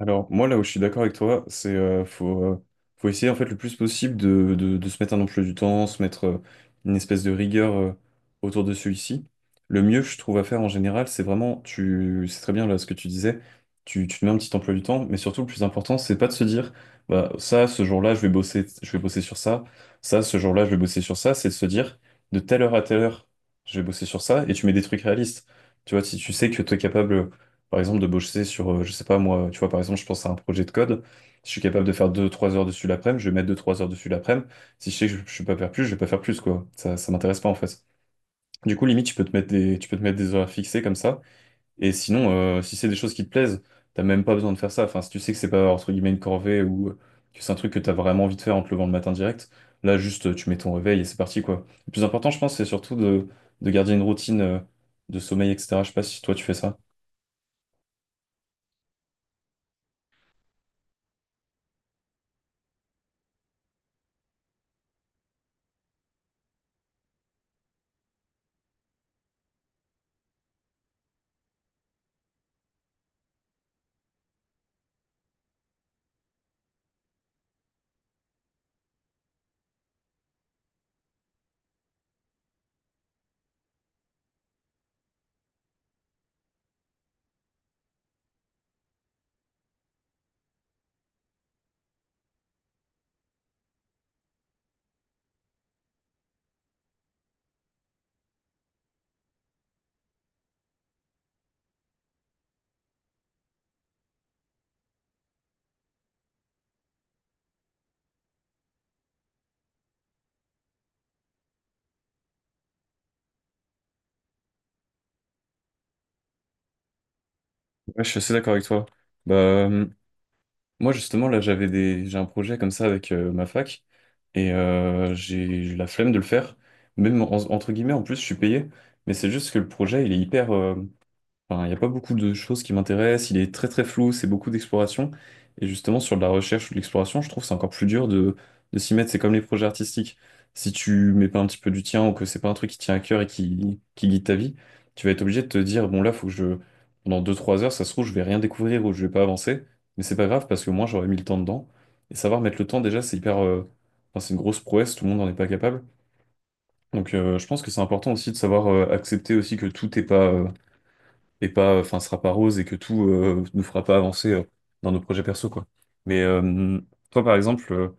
Alors, moi, là où je suis d'accord avec toi, c'est faut, faut essayer en fait le plus possible de, de se mettre un emploi du temps, se mettre une espèce de rigueur autour de celui-ci. Le mieux, je trouve, à faire en général, c'est vraiment, tu, c'est très bien là ce que tu disais, tu te mets un petit emploi du temps, mais surtout, le plus important, c'est pas de se dire, bah, ça, ce jour-là, je vais bosser sur ça, ça, ce jour-là, je vais bosser sur ça, c'est de se dire, de telle heure à telle heure, je vais bosser sur ça, et tu mets des trucs réalistes. Tu vois, si tu sais que tu es capable. Par exemple, de bosser sur, je sais pas moi, tu vois, par exemple, je pense à un projet de code. Si je suis capable de faire 2 3 heures dessus l'après-midi, je vais mettre 2 3 heures dessus l'après-midi. Si je sais que je peux pas faire plus, je vais pas faire plus, quoi. Ça m'intéresse pas, en fait. Du coup, limite, tu peux te mettre des horaires fixés comme ça. Et sinon, si c'est des choses qui te plaisent, t'as même pas besoin de faire ça. Enfin, si tu sais que c'est pas, entre guillemets, une corvée ou que c'est un truc que t'as vraiment envie de faire en te levant le matin direct, là, juste, tu mets ton réveil et c'est parti, quoi. Le plus important, je pense, c'est surtout de garder une routine, de sommeil, etc. Je sais pas si toi, tu fais ça. Ouais, je suis assez d'accord avec toi. Bah, moi, justement, là, j'ai un projet comme ça avec ma fac et j'ai la flemme de le faire. Même entre guillemets, en plus, je suis payé, mais c'est juste que le projet, il est hyper. Enfin, il n'y a pas beaucoup de choses qui m'intéressent. Il est très très flou, c'est beaucoup d'exploration. Et justement, sur de la recherche ou de l'exploration, je trouve que c'est encore plus dur de s'y mettre. C'est comme les projets artistiques. Si tu mets pas un petit peu du tien ou que c'est pas un truc qui tient à cœur et qui guide ta vie, tu vas être obligé de te dire, bon là, faut que je, pendant 2 3 heures, ça se trouve, je vais rien découvrir ou je vais pas avancer. Mais c'est pas grave parce que moi, j'aurais mis le temps dedans. Et savoir mettre le temps, déjà, c'est hyper, enfin, c'est une grosse prouesse, tout le monde n'en est pas capable. Donc, je pense que c'est important aussi de savoir accepter aussi que tout n'est pas, enfin, sera pas rose et que tout nous fera pas avancer dans nos projets perso, quoi. Mais toi, par exemple,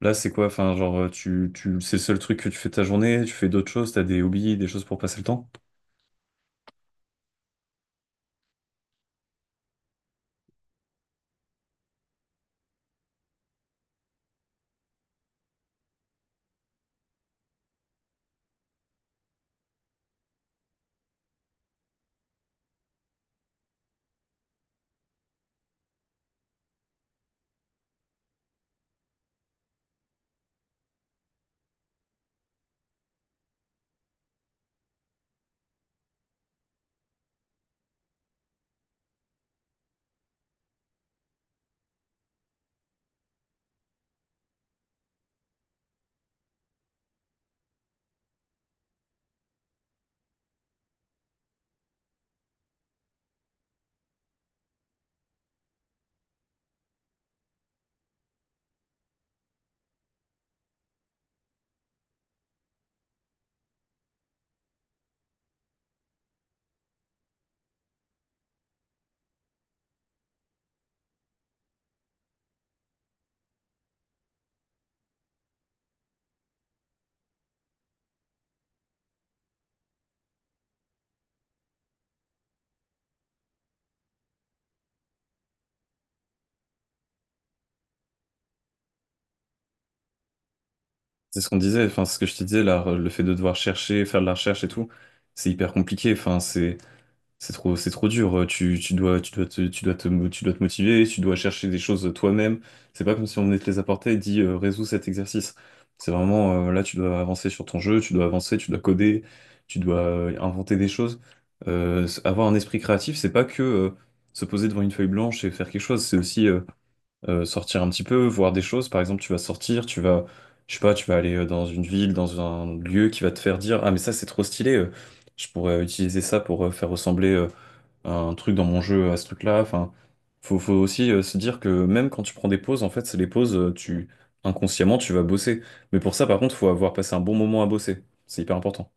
là, c'est quoi? Enfin, genre, tu, tu, c'est le seul truc que tu fais de ta journée, tu fais d'autres choses, t'as des hobbies, des choses pour passer le temps. C'est ce qu'on disait, enfin, ce que je te disais, là, le fait de devoir chercher, faire de la recherche et tout, c'est hyper compliqué. Enfin, c'est c'est trop dur. Tu, tu dois te, mo- Tu dois te motiver, tu dois chercher des choses toi-même. C'est pas comme si on venait te les apporter et dit résous cet exercice. C'est vraiment là, tu dois avancer sur ton jeu, tu dois avancer, tu dois coder, tu dois inventer des choses. Avoir un esprit créatif, c'est pas que se poser devant une feuille blanche et faire quelque chose. C'est aussi sortir un petit peu, voir des choses. Par exemple, tu vas sortir, tu vas, je sais pas, tu vas aller dans une ville, dans un lieu qui va te faire dire, ah mais ça c'est trop stylé. Je pourrais utiliser ça pour faire ressembler. Un truc dans mon jeu à ce truc-là. Enfin, faut, faut aussi se dire que même quand tu prends des pauses, en fait, c'est les pauses, tu inconsciemment, tu vas bosser. Mais pour ça, par contre, faut avoir passé un bon moment à bosser. C'est hyper important.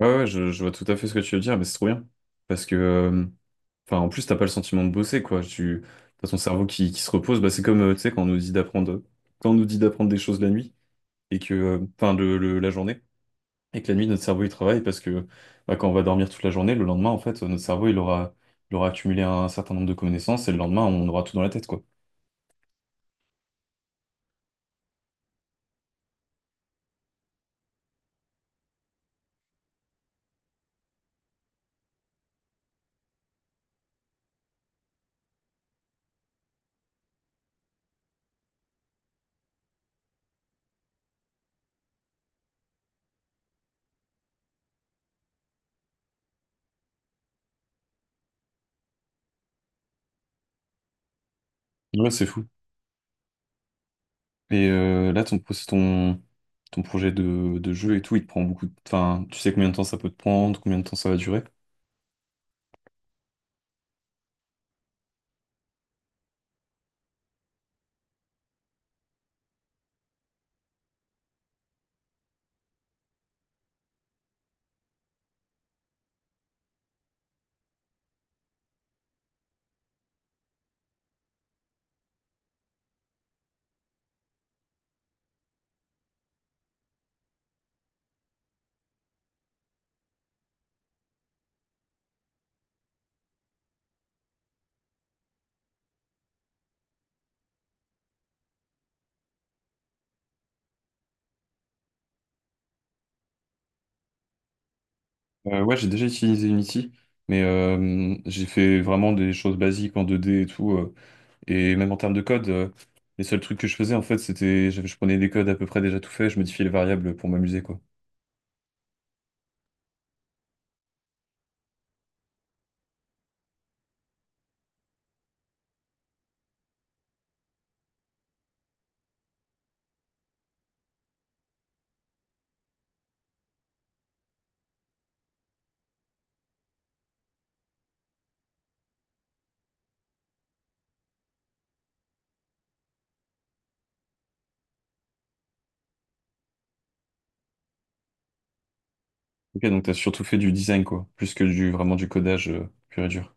Ouais, ouais, je vois tout à fait ce que tu veux dire, mais c'est trop bien. Parce que, enfin, en plus, t'as pas le sentiment de bosser, quoi. Tu, t'as ton cerveau qui se repose. Bah, c'est comme, tu sais, quand on nous dit d'apprendre, quand on nous dit d'apprendre des choses la nuit et que, enfin, la journée. Et que la nuit, notre cerveau, il travaille parce que bah, quand on va dormir toute la journée, le lendemain, en fait, notre cerveau, il aura accumulé un certain nombre de connaissances et le lendemain, on aura tout dans la tête, quoi. Ouais, c'est fou. Et là, ton projet de jeu et tout, il te prend beaucoup de... Enfin, tu sais combien de temps ça peut te prendre, combien de temps ça va durer? Ouais, j'ai déjà utilisé Unity, mais j'ai fait vraiment des choses basiques en 2D et tout. Et même en termes de code, les seuls trucs que je faisais, en fait, Je prenais des codes à peu près déjà tout faits, je modifiais les variables pour m'amuser, quoi. Ok, donc t'as surtout fait du design, quoi, plus que du vraiment du codage pur et dur.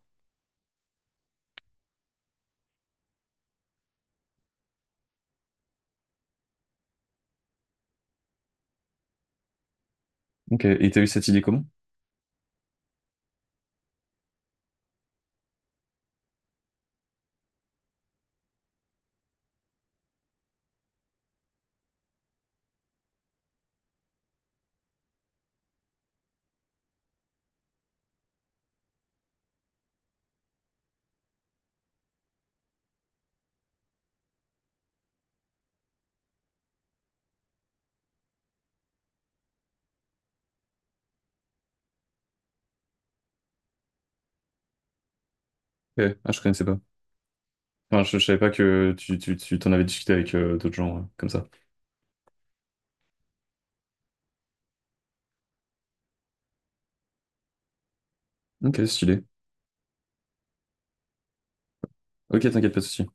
Ok, et t'as eu cette idée comment? Ok, ah, je connaissais pas. Enfin, je savais pas que tu t'en avais discuté avec d'autres gens comme ça. Ok, stylé. Ok, t'inquiète, pas de souci.